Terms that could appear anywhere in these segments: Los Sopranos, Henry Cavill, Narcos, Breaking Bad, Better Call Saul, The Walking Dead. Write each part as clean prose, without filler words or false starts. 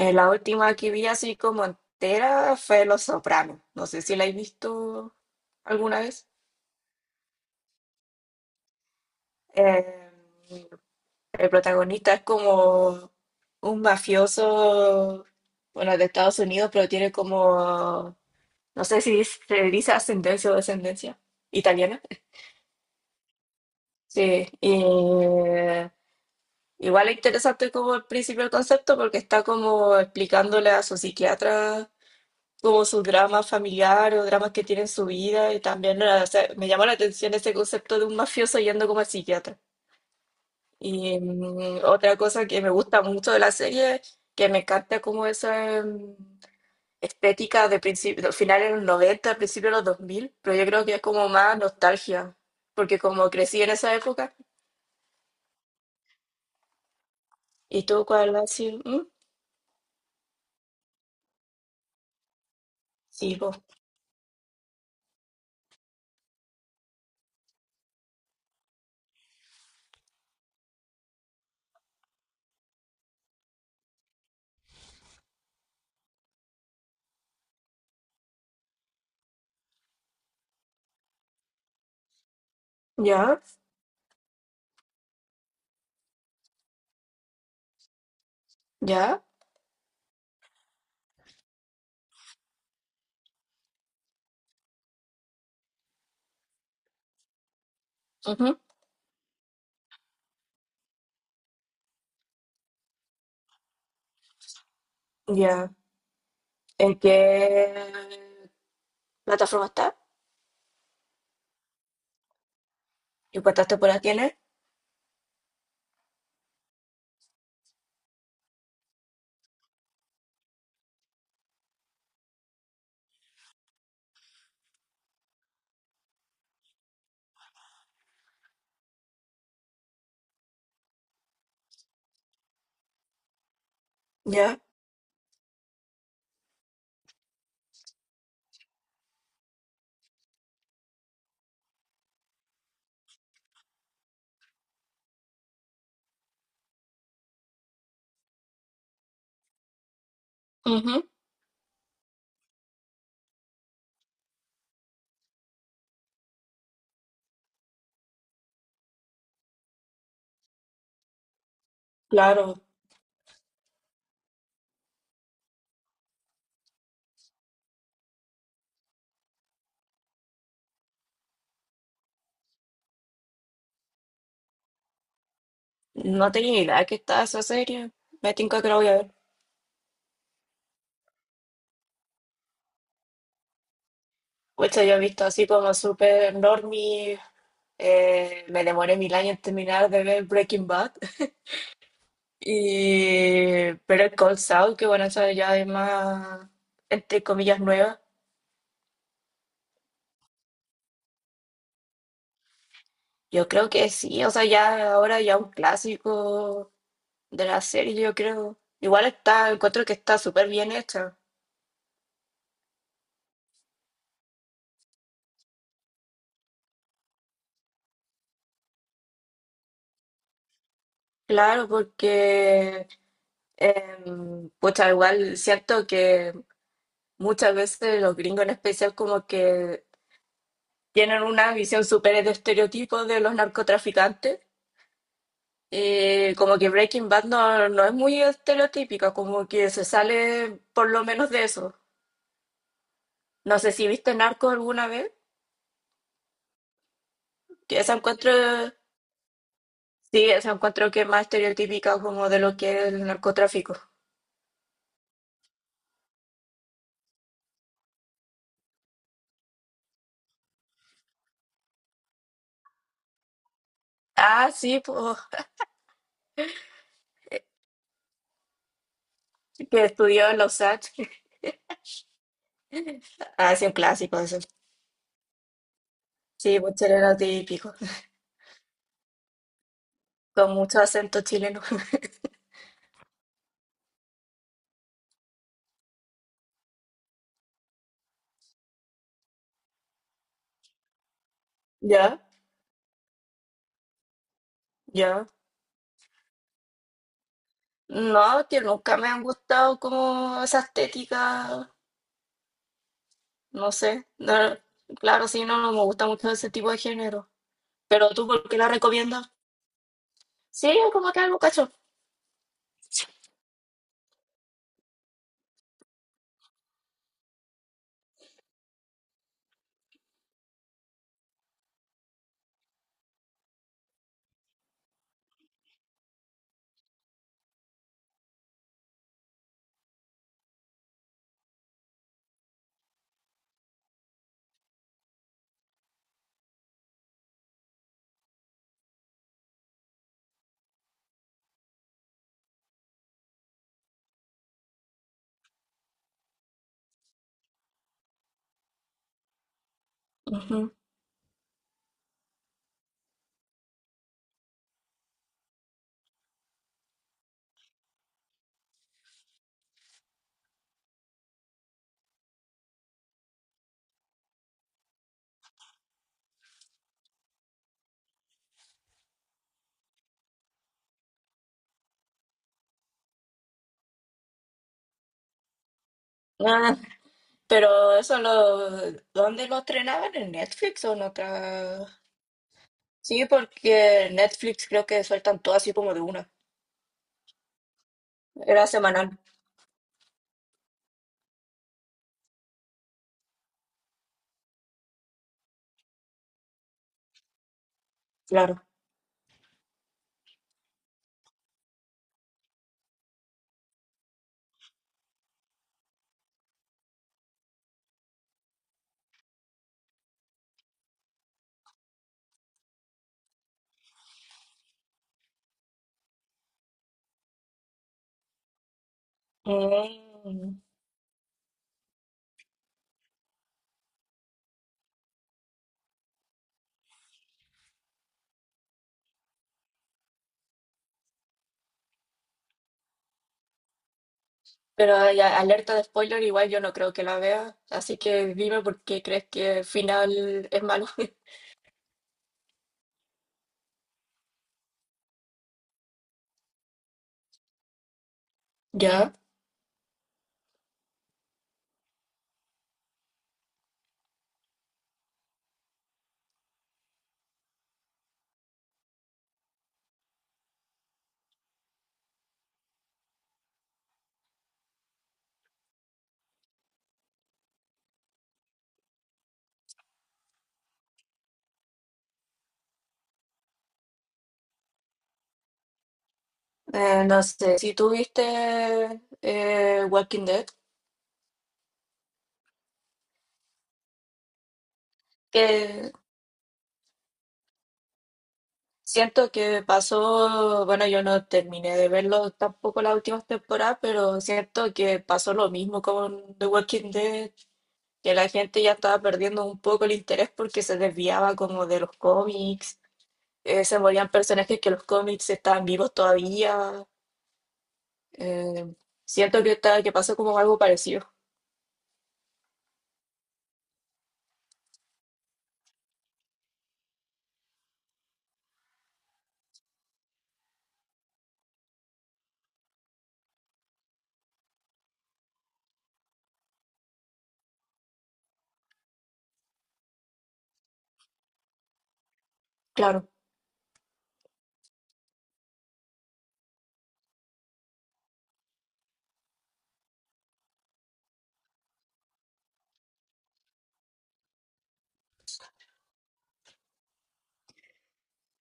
La última que vi así como entera fue Los Sopranos. No sé si la he visto alguna vez. Eh, el protagonista es como un mafioso, bueno, de Estados Unidos, pero tiene como, no sé si se dice ascendencia o descendencia italiana. Sí, y igual es interesante como el principio del concepto porque está como explicándole a su psiquiatra como su drama familiar o dramas que tiene en su vida. Y también o sea, me llamó la atención ese concepto de un mafioso yendo como al psiquiatra. Y otra cosa que me gusta mucho de la serie, que me encanta como esa estética de principio, finales de los 90, principios de los dos mil, pero yo creo que es como más nostalgia, porque como crecí en esa época, y tú, ¿cuál ha sido? ¿Mm? Sí, po. Ya, ya, ujú, ya, ¿en qué plataforma está? ¿Y cuántas temporadas tiene? Ya, ujú, claro, no tenía idea que estaba esa serie. Me tinca que la voy a ver. Pucha, yo he visto así como súper normie. Me demoré mil años en terminar de ver Breaking Bad. Y pero el Cold Saul, que bueno, esa ya es más, entre comillas, nueva. Yo creo que sí, o sea, ya ahora ya un clásico de la serie, yo creo. Igual está, encuentro que está súper bien hecha. Claro, porque pucha, igual siento que muchas veces los gringos en especial como que tienen una visión súper de estereotipos de los narcotraficantes, y como que Breaking Bad no es muy estereotípica, como que se sale por lo menos de eso. No sé si viste Narcos alguna vez, que esa encuentro, sí, esa encuentro que es más estereotípica como de lo que es el narcotráfico. Ah, sí, pues, que estudió en Los Ángeles. Ah, sí, un clásico eso. Sí, pues era típico. Con mucho acento chileno. Ya, ya. No, que nunca me han gustado como esa estética, no sé. No, claro, sí, no me gusta mucho ese tipo de género. Pero tú, ¿por qué la recomiendas? Sí, es como que algo cacho. Ujú. Ah, pero eso lo, ¿dónde lo estrenaban? ¿En Netflix o en otra? Sí, porque en Netflix creo que sueltan todo así como de una. Era semanal, claro. Mm. Pero ya, alerta de spoiler, igual yo no creo que la vea, así que dime por qué crees que el final es malo. Ya, no sé, si tú viste Walking Dead, que siento que pasó, bueno, yo no terminé de verlo tampoco las últimas temporadas, pero siento que pasó lo mismo con The Walking Dead, que la gente ya estaba perdiendo un poco el interés porque se desviaba como de los cómics, se morían personajes que los cómics estaban vivos todavía. Eh, Siento que, está, que pasó como algo parecido. Claro.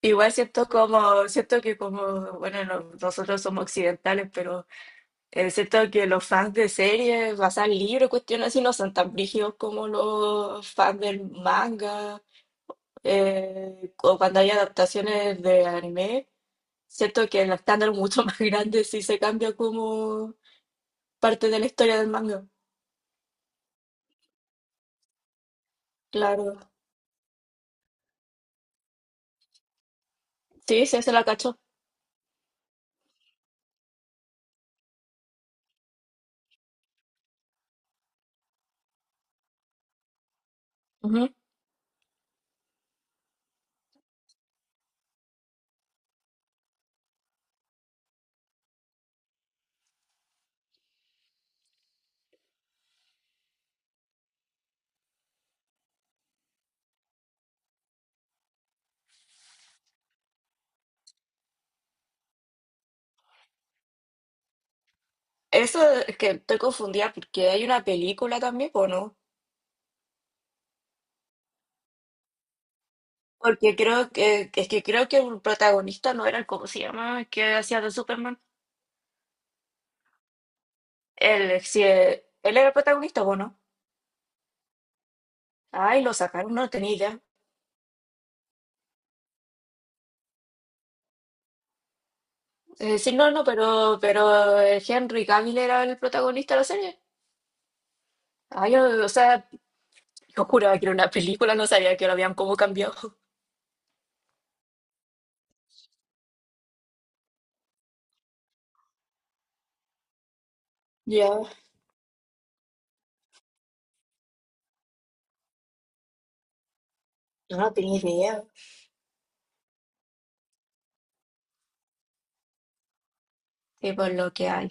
Igual siento como, siento que como, bueno, nosotros somos occidentales, pero siento que los fans de series, basan libros, cuestiones así, no son tan brígidos como los fans del manga, o cuando hay adaptaciones de anime. Siento que el estándar es mucho más grande si se cambia como parte de la historia del manga. Claro. Sí, sí, se la cachó. Eso es que estoy confundida porque hay una película también, ¿o no? Porque creo que, es que creo que el protagonista no era el, ¿cómo se llama? El que hacía de Superman. Él, si, e, él era el protagonista, ¿o no? Ay, lo sacaron, no tenía idea. Sí, no, no, pero Henry Cavill era el protagonista de la serie. Ay, yo, o sea, yo juraba que era una película, no sabía que lo habían como cambiado. Ya, yo no tenía idea. Sí, por lo que hay.